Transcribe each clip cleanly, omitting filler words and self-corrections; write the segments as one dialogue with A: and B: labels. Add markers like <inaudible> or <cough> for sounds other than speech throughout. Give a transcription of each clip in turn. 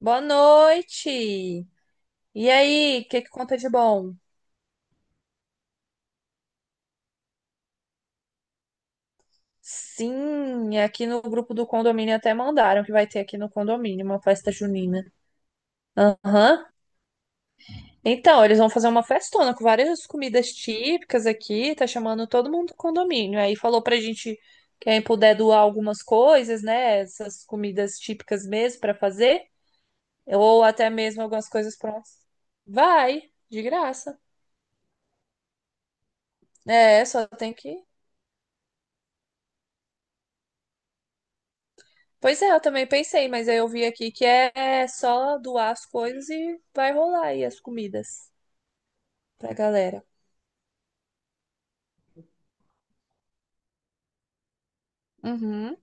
A: Boa noite! E aí, o que conta de bom? Sim, aqui no grupo do condomínio até mandaram que vai ter aqui no condomínio uma festa junina. Aham. Então, eles vão fazer uma festona com várias comidas típicas aqui, tá chamando todo mundo do condomínio. Aí falou pra gente quem puder doar algumas coisas, né? Essas comidas típicas mesmo pra fazer, ou até mesmo algumas coisas prontas. Vai, de graça. É, só tem que... Pois é, eu também pensei, mas aí eu vi aqui que é só doar as coisas e vai rolar aí as comidas pra galera. Uhum.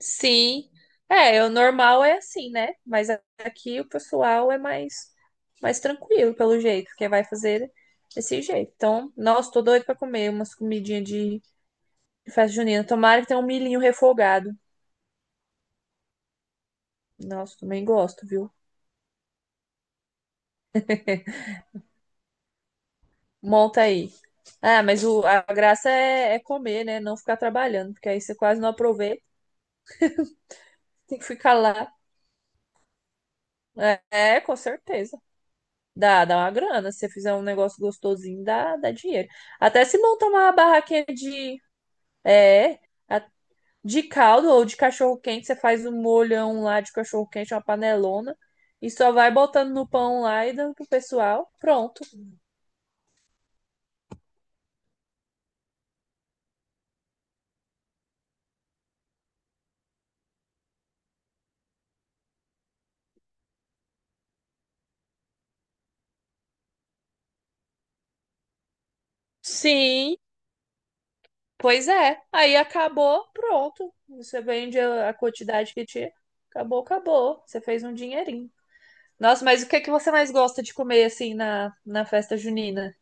A: Sim. É, o normal é assim, né? Mas aqui o pessoal é mais, mais tranquilo, pelo jeito, porque vai fazer desse jeito. Então, nossa, tô doido pra comer umas comidinhas de festa junina. Tomara que tenha um milhinho refogado. Nossa, também gosto, viu? <laughs> Monta aí. Ah, mas a graça é, é comer, né? Não ficar trabalhando, porque aí você quase não aproveita. Tem que ficar lá. É, é, com certeza. Dá, dá uma grana. Se você fizer um negócio gostosinho, dá, dá dinheiro. Até se montar uma barraquinha de, é, a- de caldo ou de cachorro-quente, você faz um molhão lá de cachorro-quente, uma panelona, e só vai botando no pão lá e dando pro pessoal. Pronto. Sim, pois é. Aí acabou, pronto. Você vende a quantidade que tinha. Acabou, acabou. Você fez um dinheirinho. Nossa, mas o que é que você mais gosta de comer assim na, na festa junina?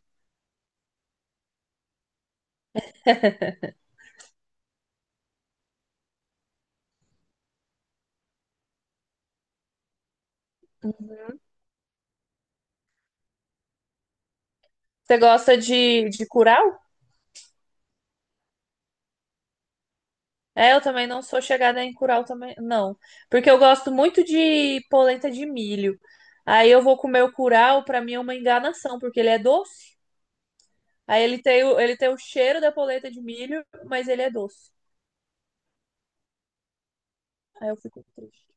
A: Você gosta de curau? É, eu também não sou chegada em curau também, não. Porque eu gosto muito de polenta de milho. Aí eu vou comer o curau, pra mim é uma enganação, porque ele é doce. Aí ele tem ele tem o cheiro da polenta de milho, mas ele é doce. Aí eu fico triste.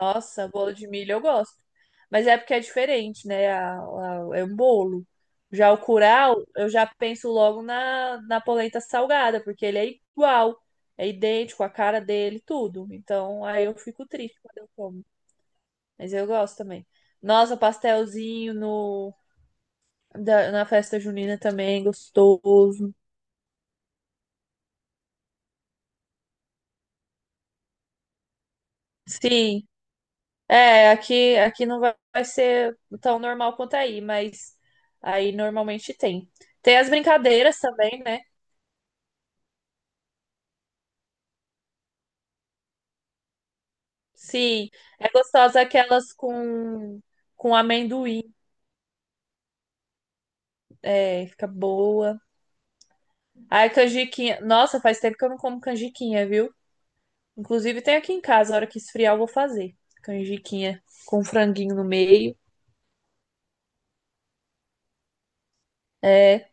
A: Nossa, bolo de milho eu gosto. Mas é porque é diferente, né? É um bolo. Já o curau, eu já penso logo na, na polenta salgada, porque ele é igual, é idêntico, a cara dele, tudo. Então aí eu fico triste quando eu como. Mas eu gosto também. Nossa, pastelzinho no, da- na festa junina também, gostoso. Sim. É, aqui, aqui não vai ser tão normal quanto aí, mas aí normalmente tem. Tem as brincadeiras também, né? Sim, é gostosa aquelas com amendoim, é, fica boa. Ai, canjiquinha. Nossa, faz tempo que eu não como canjiquinha, viu? Inclusive tem aqui em casa, a hora que esfriar eu vou fazer. Canjiquinha com franguinho no meio. É.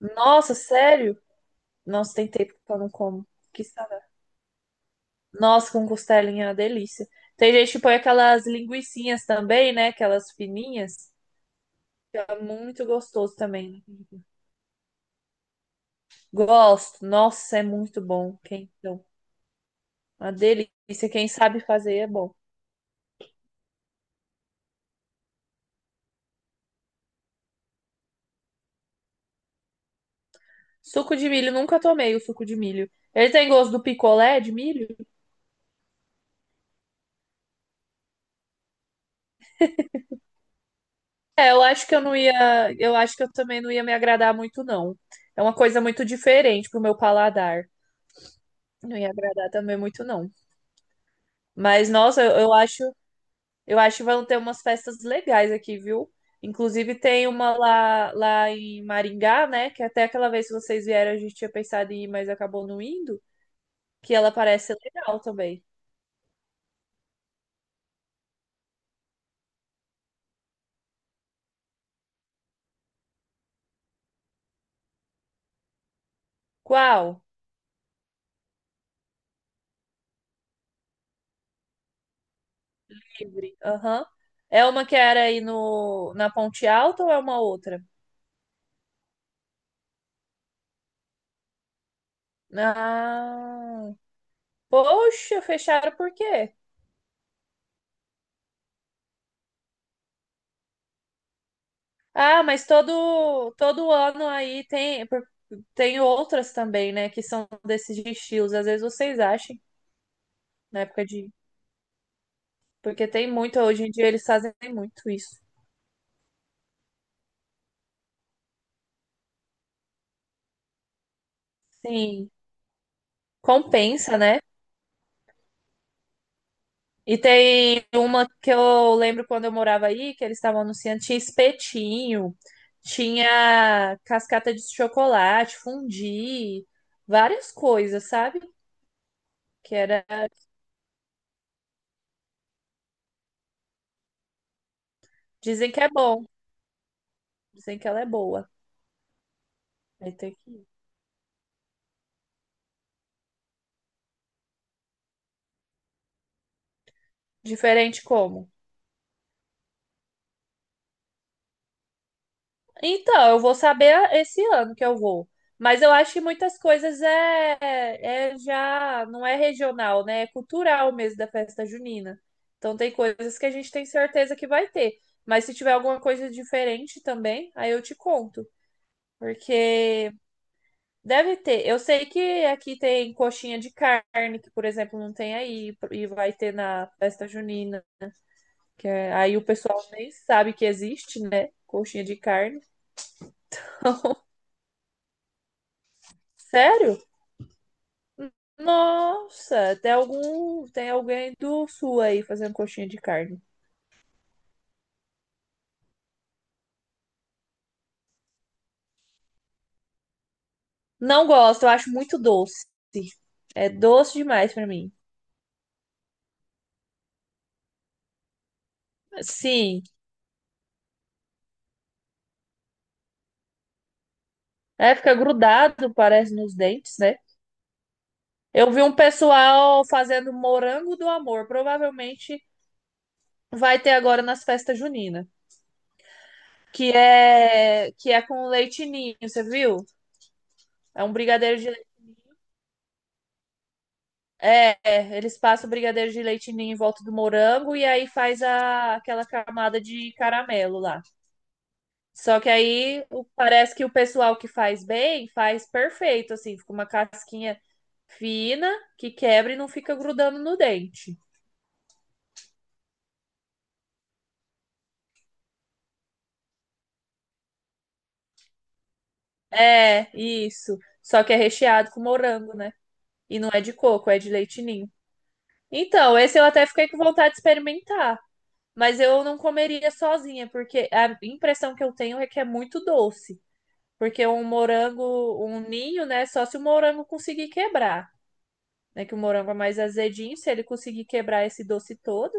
A: Nossa, sério? Nossa, tem tempo que eu não como. Que... Nossa, com costelinha é uma delícia. Tem gente que põe aquelas linguicinhas também, né? Aquelas fininhas. Que É muito gostoso também. Gosto. Nossa, é muito bom. Quentão. Uma delícia. Quem sabe fazer é bom. Suco de milho, nunca tomei o suco de milho. Ele tem gosto do picolé de milho? É, eu acho que eu não ia. Eu acho que eu também não ia me agradar muito, não. É uma coisa muito diferente pro meu paladar. Não ia agradar também muito, não. Mas, nossa, eu acho. Eu acho que vão ter umas festas legais aqui, viu? Inclusive tem uma lá, lá em Maringá, né? Que até aquela vez que vocês vieram a gente tinha pensado em ir, mas acabou não indo. Que ela parece legal também. Qual? Livre. Aham. É uma que era aí no, na Ponte Alta ou é uma outra? Ah, poxa, fecharam por quê? Ah, mas todo, todo ano aí tem, tem outras também, né? Que são desses estilos. Às vezes vocês acham, na época de... Porque tem muito, hoje em dia eles fazem muito isso. Sim, compensa, né? E tem uma que eu lembro quando eu morava aí, que eles estavam anunciando, tinha espetinho, tinha cascata de chocolate, fundi, várias coisas, sabe? Que era, dizem que é bom, dizem que ela é boa. Aí tem que ir. Diferente como? Então, eu vou saber esse ano que eu vou. Mas eu acho que muitas coisas é, é já não é regional, né? É cultural mesmo da festa junina. Então tem coisas que a gente tem certeza que vai ter. Mas se tiver alguma coisa diferente também, aí eu te conto. Porque deve ter. Eu sei que aqui tem coxinha de carne, que, por exemplo, não tem aí, e vai ter na festa junina. Que é- Aí o pessoal nem sabe que existe, né? Coxinha de carne. Sério? Nossa, tem alguém do sul aí fazendo coxinha de carne. Não gosto, eu acho muito doce. É doce demais pra mim. Sim, é, fica grudado, parece, nos dentes, né? Eu vi um pessoal fazendo morango do amor. Provavelmente vai ter agora nas festas juninas. Que que é com leite ninho, você viu? É um brigadeiro de leite. É, eles passam o brigadeiro de leite ninho em volta do morango e aí faz aquela camada de caramelo lá. Só que aí o- parece que o pessoal que faz bem faz perfeito, assim, fica uma casquinha fina que quebra e não fica grudando no dente. É, isso. Só que é recheado com morango, né? E não é de coco, é de leite ninho. Então, esse eu até fiquei com vontade de experimentar, mas eu não comeria sozinha, porque a impressão que eu tenho é que é muito doce. Porque um morango, um ninho, né? Só se o morango conseguir quebrar, né? Que o morango é mais azedinho, se ele conseguir quebrar esse doce todo,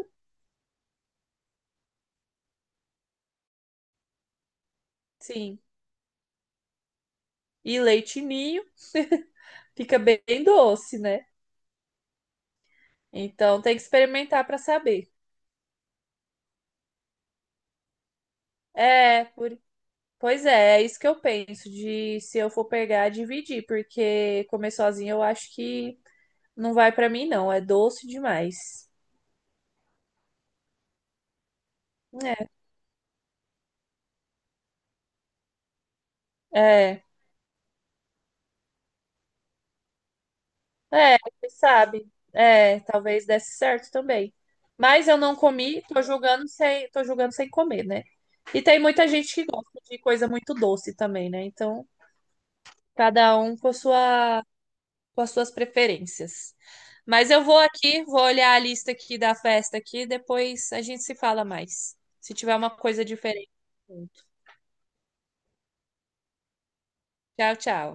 A: sim. E leite ninho fica bem doce, né? Então tem que experimentar para saber. É, pois é, é isso que eu penso de se eu for pegar, dividir, porque comer sozinho eu acho que não vai para mim, não. É doce demais. É. É. É, quem sabe? É, talvez desse certo também. Mas eu não comi, tô julgando sem comer, né? E tem muita gente que gosta de coisa muito doce também, né? Então, cada um com a sua, com as suas preferências. Mas eu vou aqui, vou olhar a lista aqui da festa aqui, depois a gente se fala mais. Se tiver uma coisa diferente. Tchau, tchau.